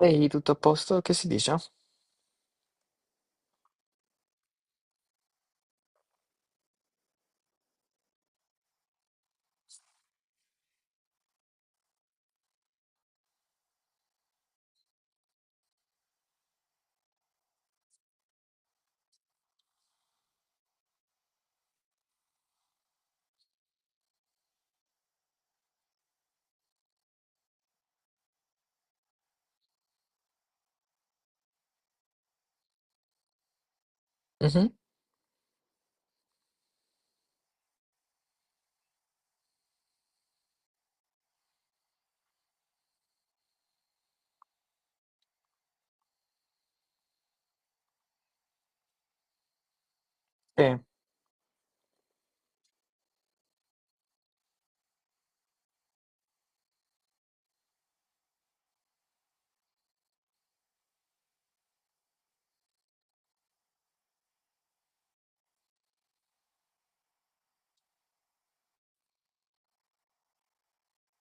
Ehi, tutto a posto? Che si dice? Mhm. Sì,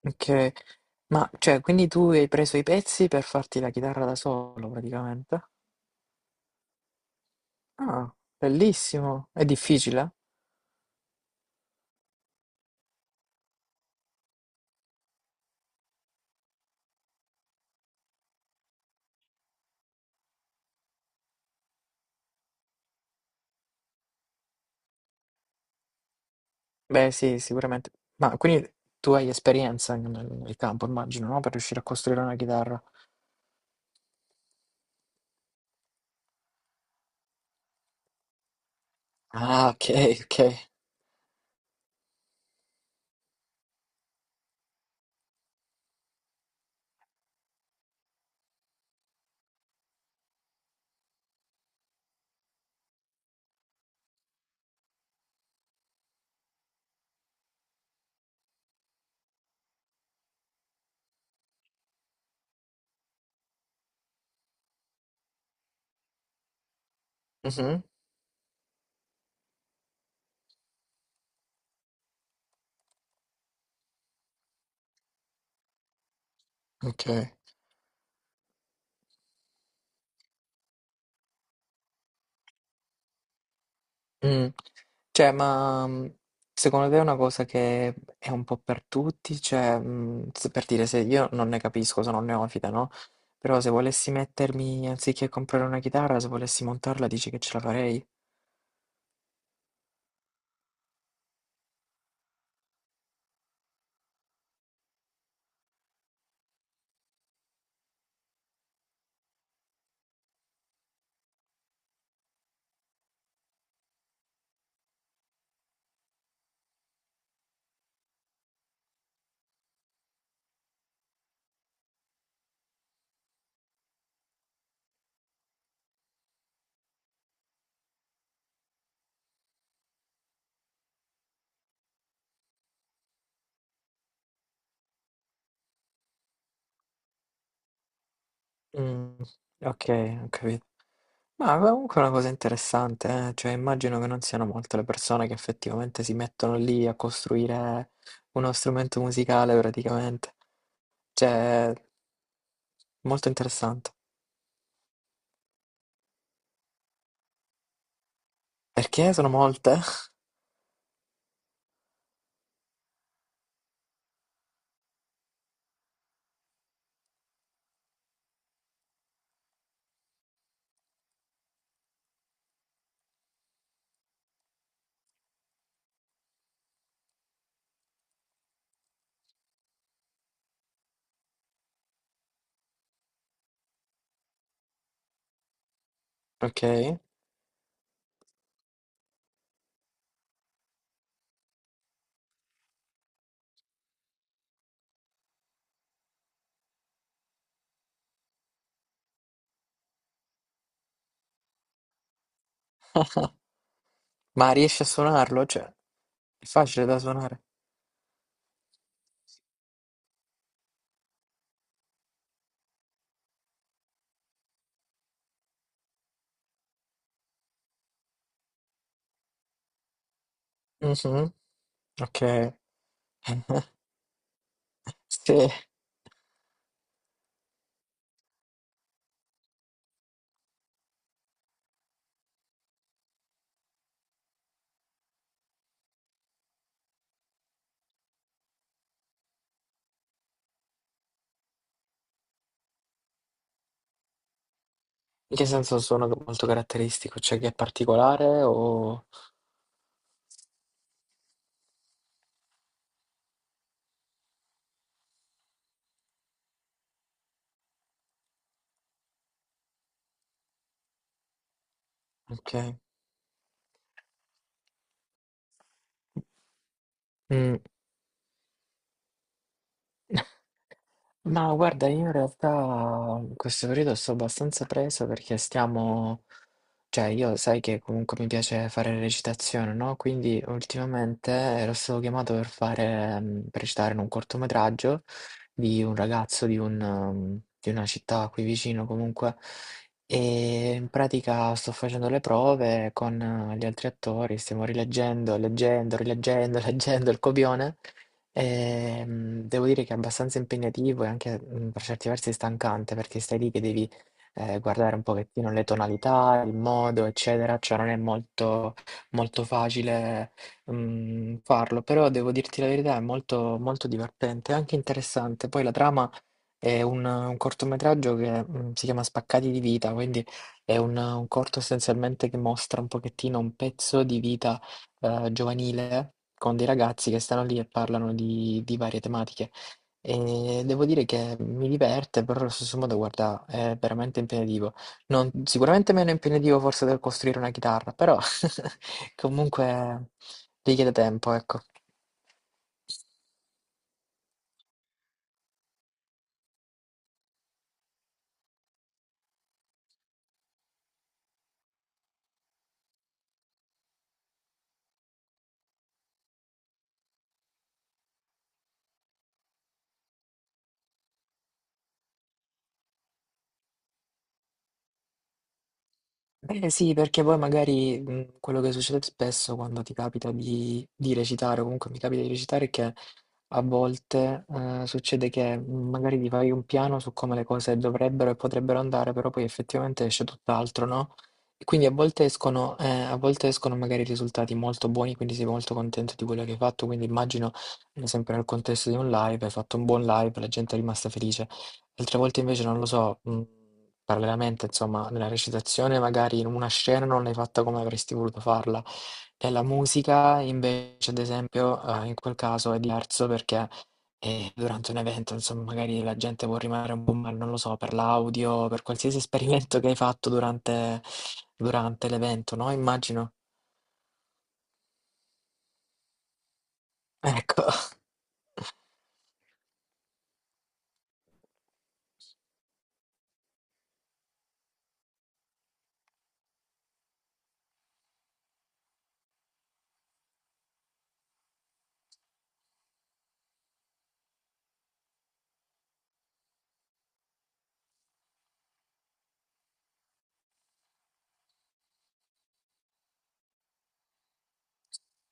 ok. Ma, cioè, quindi tu hai preso i pezzi per farti la chitarra da solo, praticamente? Ah, bellissimo. È difficile? Beh, sì, sicuramente. Ma quindi tu hai esperienza nel campo, immagino, no? Per riuscire a costruire una chitarra. Ah, ok, ok. Mhm. Ok. Mm. Cioè, ma secondo te è una cosa che è un po' per tutti? Cioè, per dire, se io non ne capisco, sono un neofita, no? Però se volessi mettermi, anziché comprare una chitarra, se volessi montarla, dici che ce la farei? Mm, ok, ho capito. Ma comunque è una cosa interessante, eh? Cioè immagino che non siano molte le persone che effettivamente si mettono lì a costruire uno strumento musicale praticamente. Cioè, molto interessante. Perché sono molte? Ok. Ma riesci a suonarlo? Cioè, è facile da suonare. Mhm. Ok. Sì. In che senso un suono molto caratteristico? Cioè che è particolare o... Ok. Mm. Ma guarda, io in realtà in questo periodo sto abbastanza preso perché stiamo, cioè io sai che comunque mi piace fare recitazione, no? Quindi ultimamente ero stato chiamato per recitare in un cortometraggio di un ragazzo di una città qui vicino comunque e in pratica sto facendo le prove con gli altri attori, stiamo rileggendo, leggendo, rileggendo, leggendo il copione. Devo dire che è abbastanza impegnativo e anche, per certi versi stancante, perché stai lì che devi, guardare un pochettino le tonalità, il modo, eccetera, cioè non è molto molto facile, farlo, però devo dirti la verità è molto molto divertente, anche interessante. Poi la trama è un cortometraggio che si chiama Spaccati di vita, quindi è un corto essenzialmente che mostra un pochettino un pezzo di vita giovanile con dei ragazzi che stanno lì e parlano di varie tematiche. E devo dire che mi diverte, però allo stesso modo, guarda, è veramente impegnativo. Sicuramente meno impegnativo forse del costruire una chitarra, però comunque richiede tempo, ecco. Eh sì, perché poi magari quello che succede spesso quando ti capita di recitare, o comunque mi capita di recitare, è che a volte succede che magari ti fai un piano su come le cose dovrebbero e potrebbero andare, però poi effettivamente esce tutt'altro, no? E quindi a volte escono magari risultati molto buoni, quindi sei molto contento di quello che hai fatto, quindi immagino, sempre nel contesto di un live, hai fatto un buon live, la gente è rimasta felice. Altre volte invece non lo so, parallelamente insomma nella recitazione magari in una scena non l'hai fatta come avresti voluto farla. Nella musica invece ad esempio, in quel caso è diverso perché, durante un evento insomma magari la gente può rimanere un po' male, non lo so, per l'audio, per qualsiasi esperimento che hai fatto durante l'evento, no, immagino. Ecco.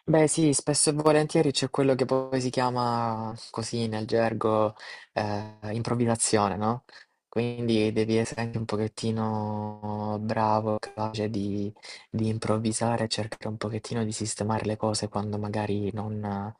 Beh sì, spesso e volentieri c'è quello che poi si chiama così nel gergo improvvisazione, no? Quindi devi essere anche un pochettino bravo, capace di improvvisare, cercare un pochettino di sistemare le cose quando magari non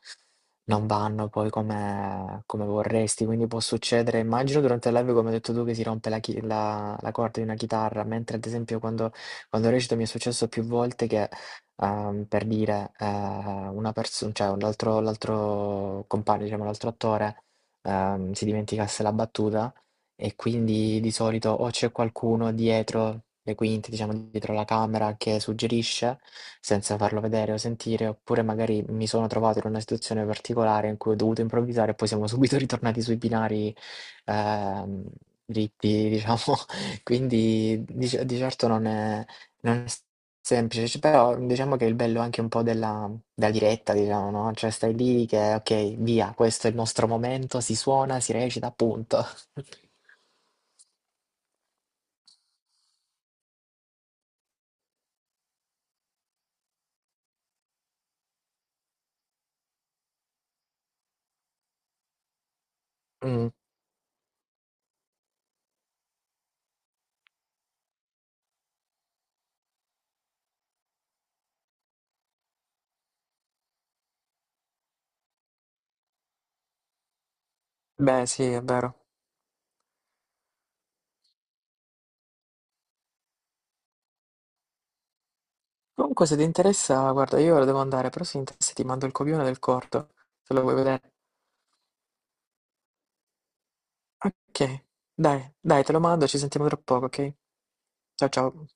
non vanno poi come vorresti, quindi può succedere immagino durante il live come hai detto tu che si rompe la corda di una chitarra, mentre ad esempio quando recito mi è successo più volte che, per dire, una perso cioè un l'altro l'altro compagno, diciamo l'altro attore, si dimenticasse la battuta e quindi di solito o c'è qualcuno dietro le quinte, diciamo dietro la camera che suggerisce senza farlo vedere o sentire, oppure magari mi sono trovato in una situazione particolare in cui ho dovuto improvvisare e poi siamo subito ritornati sui binari, ehm, dritti, diciamo. Quindi di certo non è semplice, cioè, però diciamo che il bello è anche un po' della diretta, diciamo, no? Cioè stai lì che ok, via, questo è il nostro momento, si suona, si recita, punto. Mm. Beh, sì, è vero. Comunque, se ti interessa, guarda, io ora devo andare, però se ti interessa ti mando il copione del corto, se lo vuoi vedere. Ok, dai, dai, te lo mando, ci sentiamo tra poco, ok? Ciao ciao.